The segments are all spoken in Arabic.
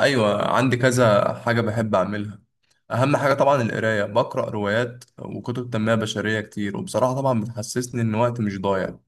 ايوه، عندي كذا حاجه بحب اعملها. اهم حاجه طبعا القرايه، بقرا روايات وكتب تنميه بشريه كتير، وبصراحه طبعا بتحسسني ان وقتي مش ضايع.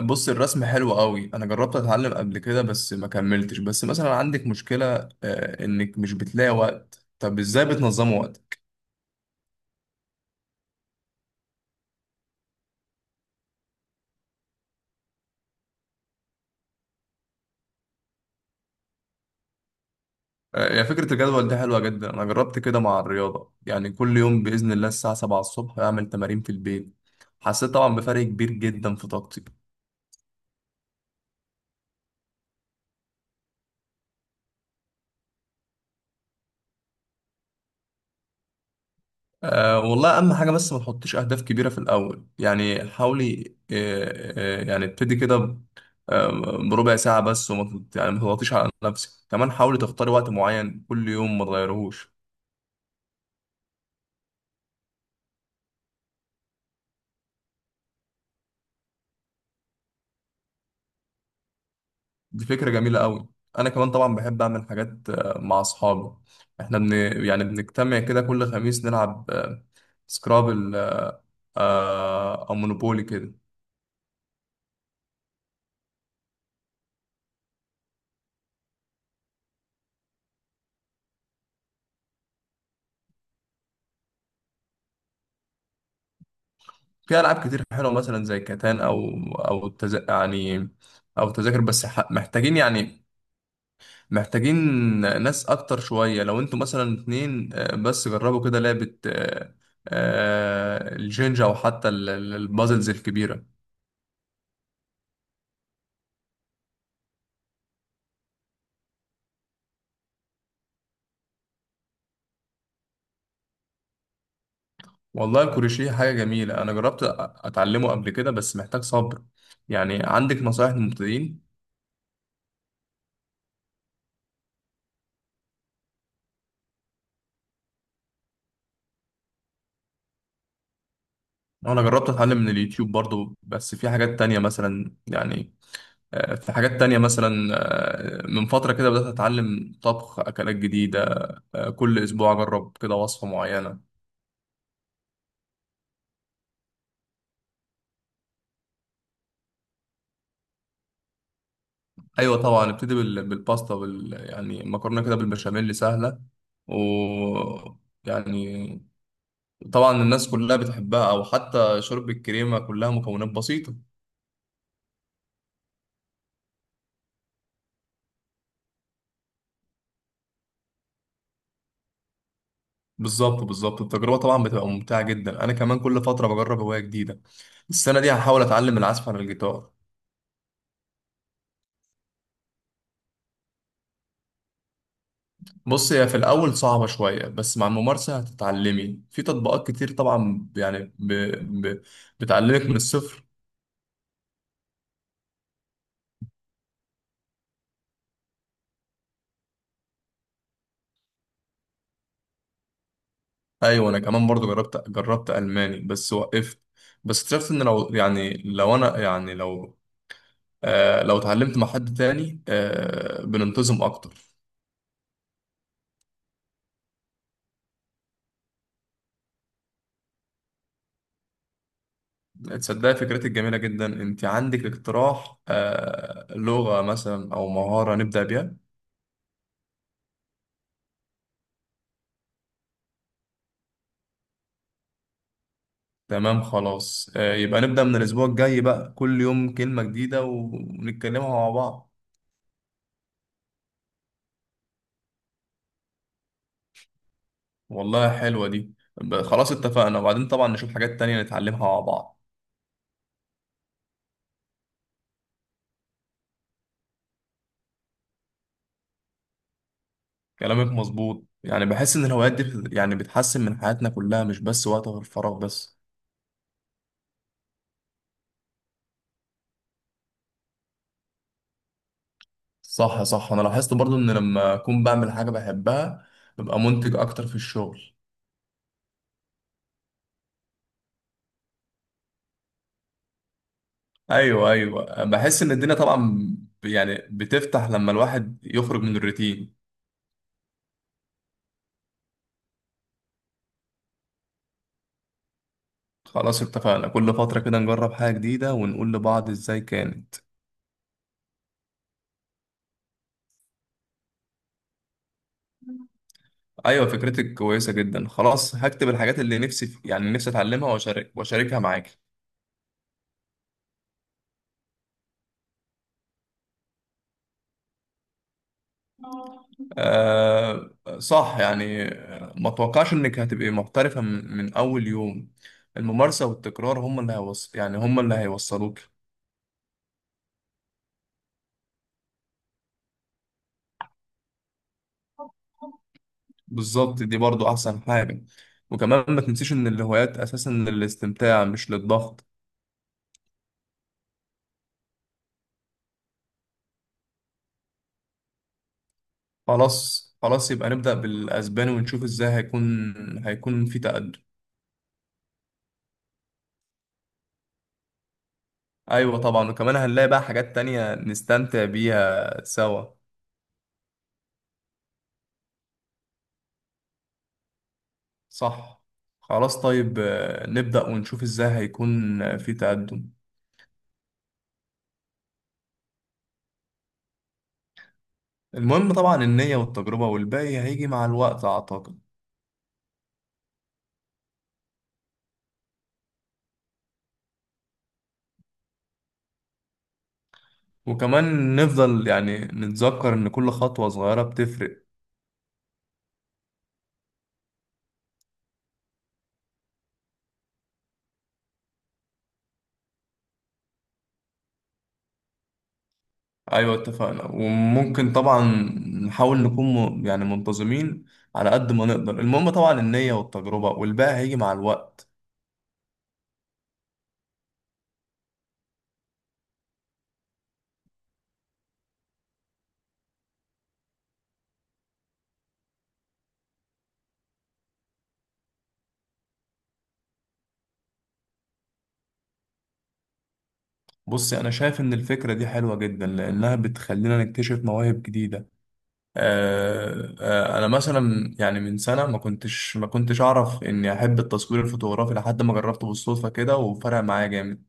بص، الرسم حلو قوي. انا جربت اتعلم قبل كده بس ما كملتش. بس مثلا عندك مشكله انك مش بتلاقي وقت. طب ازاي بتنظموا وقتك؟ هي فكره الجدول دي حلوه جدا. انا جربت كده مع الرياضه، يعني كل يوم باذن الله الساعه 7 الصبح اعمل تمارين في البيت. حسيت طبعا بفرق كبير جدا في طاقتي. أه والله، أهم حاجة بس ما تحطيش أهداف كبيرة في الأول، يعني حاولي أه أه يعني ابتدي كده آه، بربع ساعة بس، وما يعني ما تضغطيش على نفسك. كمان حاولي تختاري وقت معين كل يوم ما تغيرهوش. دي فكرة جميلة أوي. أنا كمان طبعا بحب أعمل حاجات مع أصحابي. إحنا يعني بنجتمع كده كل خميس، نلعب سكرابل أو مونوبولي كده. في ألعاب كتير حلوة، مثلا زي كاتان أو التز... يعني أو تذاكر. بس محتاجين ناس اكتر شوية. لو انتوا مثلا اتنين بس جربوا كده لعبة الجينجا، او حتى البازلز الكبيرة. والله، الكروشيه حاجة جميلة. انا جربت اتعلمه قبل كده بس محتاج صبر. يعني عندك نصايح للمبتدئين؟ انا جربت اتعلم من اليوتيوب برضو، بس في حاجات تانية مثلا. من فترة كده بدأت أتعلم طبخ أكلات جديدة، كل أسبوع أجرب كده وصفة معينة. ايوه طبعا، ابتدي بالباستا يعني مكرونه كده بالبشاميل سهله. و يعني طبعا الناس كلها بتحبها، او حتى شرب الكريمه، كلها مكونات بسيطه. بالظبط بالظبط. التجربه طبعا بتبقى ممتعه جدا. انا كمان كل فتره بجرب هوايه جديده. السنه دي هحاول اتعلم العزف على الجيتار. بص، هي في الاول صعبه شويه، بس مع الممارسه هتتعلمي. في تطبيقات كتير طبعا يعني ب... بتعلمك من الصفر. ايوه، انا كمان برضو جربت الماني بس وقفت. بس اكتشفت ان لو يعني لو انا يعني لو آه لو اتعلمت مع حد تاني، بننتظم اكتر. تصدقي؟ فكرتك جميله جدا. انت عندك اقتراح لغه مثلا او مهاره نبدا بيها؟ تمام، خلاص. يبقى نبدا من الاسبوع الجاي بقى، كل يوم كلمه جديده ونتكلمها مع بعض. والله حلوه دي. خلاص، اتفقنا. وبعدين طبعا نشوف حاجات تانية نتعلمها مع بعض. كلامك مظبوط. يعني بحس ان الهوايات دي يعني بتحسن من حياتنا كلها، مش بس وقت الفراغ بس. صح صح، انا لاحظت برضو ان لما اكون بعمل حاجة بحبها، ببقى منتج اكتر في الشغل. ايوه ايوه، بحس ان الدنيا طبعا يعني بتفتح لما الواحد يخرج من الروتين. خلاص، اتفقنا. كل فترة كده نجرب حاجة جديدة ونقول لبعض ازاي كانت. ايوه، فكرتك كويسة جدا. خلاص، هكتب الحاجات اللي نفسي اتعلمها، واشاركها معاك. آه، صح. يعني ما توقعش انك هتبقي محترفة من اول يوم. الممارسة والتكرار هم اللي هيوصلوك. بالظبط، دي برضو احسن حاجة. وكمان ما تنسيش ان الهوايات اساسا للاستمتاع، مش للضغط. خلاص خلاص، يبقى نبدأ بالاسباني ونشوف ازاي هيكون في تقدم. ايوه طبعا، وكمان هنلاقي بقى حاجات تانية نستمتع بيها سوا. صح. خلاص، طيب. نبدأ ونشوف ازاي هيكون في تقدم. المهم طبعا النية والتجربة، والباقي هيجي مع الوقت أعتقد. وكمان نفضل يعني نتذكر إن كل خطوة صغيرة بتفرق. أيوة، اتفقنا. وممكن طبعا نحاول نكون يعني منتظمين على قد ما نقدر. المهم طبعا النية والتجربة، والباقي هيجي مع الوقت. بصي، أنا شايف إن الفكرة دي حلوة جدا لأنها بتخلينا نكتشف مواهب جديدة. أنا مثلا يعني من سنة ما كنتش أعرف إني أحب التصوير الفوتوغرافي، لحد ما جربته بالصدفة كده وفرق معايا جامد.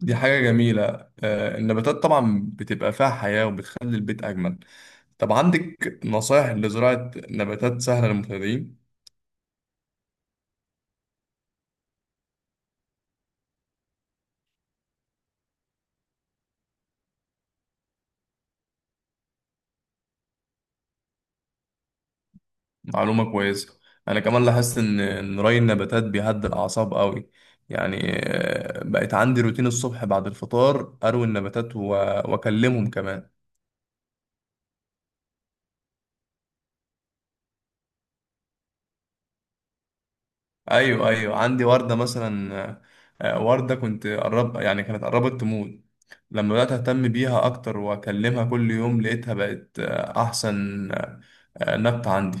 دي حاجة جميلة. النباتات طبعا بتبقى فيها حياة وبتخلي البيت أجمل. طب عندك نصائح لزراعة نباتات سهلة للمبتدئين؟ معلومة كويسة. أنا كمان لاحظت إن ري النباتات بيهدي الأعصاب قوي. يعني بقت عندي روتين الصبح، بعد الفطار أروي النباتات وأكلمهم كمان. أيوه أيوه، عندي وردة مثلا. وردة كنت قرب يعني كانت قربت تموت. لما بدأت أهتم بيها أكتر وأكلمها كل يوم، لقيتها بقت أحسن نبتة عندي.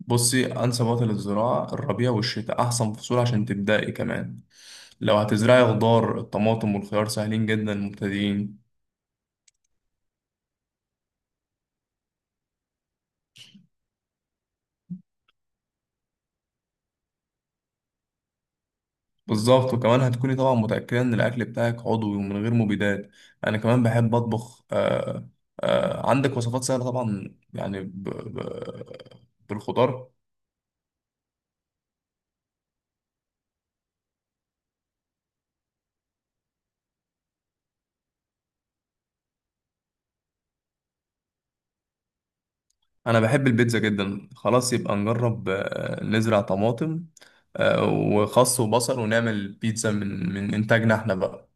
بصي، أنسب وقت للزراعة الربيع والشتاء، أحسن فصول عشان تبدأي. كمان لو هتزرعي خضار، الطماطم والخيار سهلين جدا للمبتدئين. بالظبط، وكمان هتكوني طبعا متأكدة إن الأكل بتاعك عضوي ومن غير مبيدات. أنا كمان بحب أطبخ. عندك وصفات سهلة طبعا يعني بالخضار؟ انا بحب البيتزا جدا. خلاص، يبقى نجرب نزرع طماطم وخس وبصل، ونعمل بيتزا من انتاجنا احنا بقى.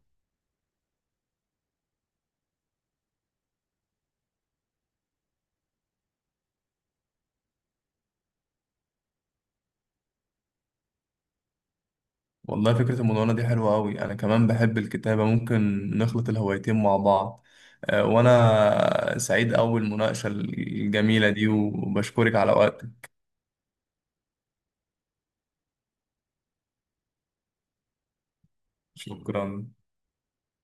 والله، فكرة المدونة دي حلوة قوي. انا كمان بحب الكتابة، ممكن نخلط الهوايتين مع بعض. وانا سعيد اول مناقشة الجميلة دي، وبشكرك على وقتك. شكرا.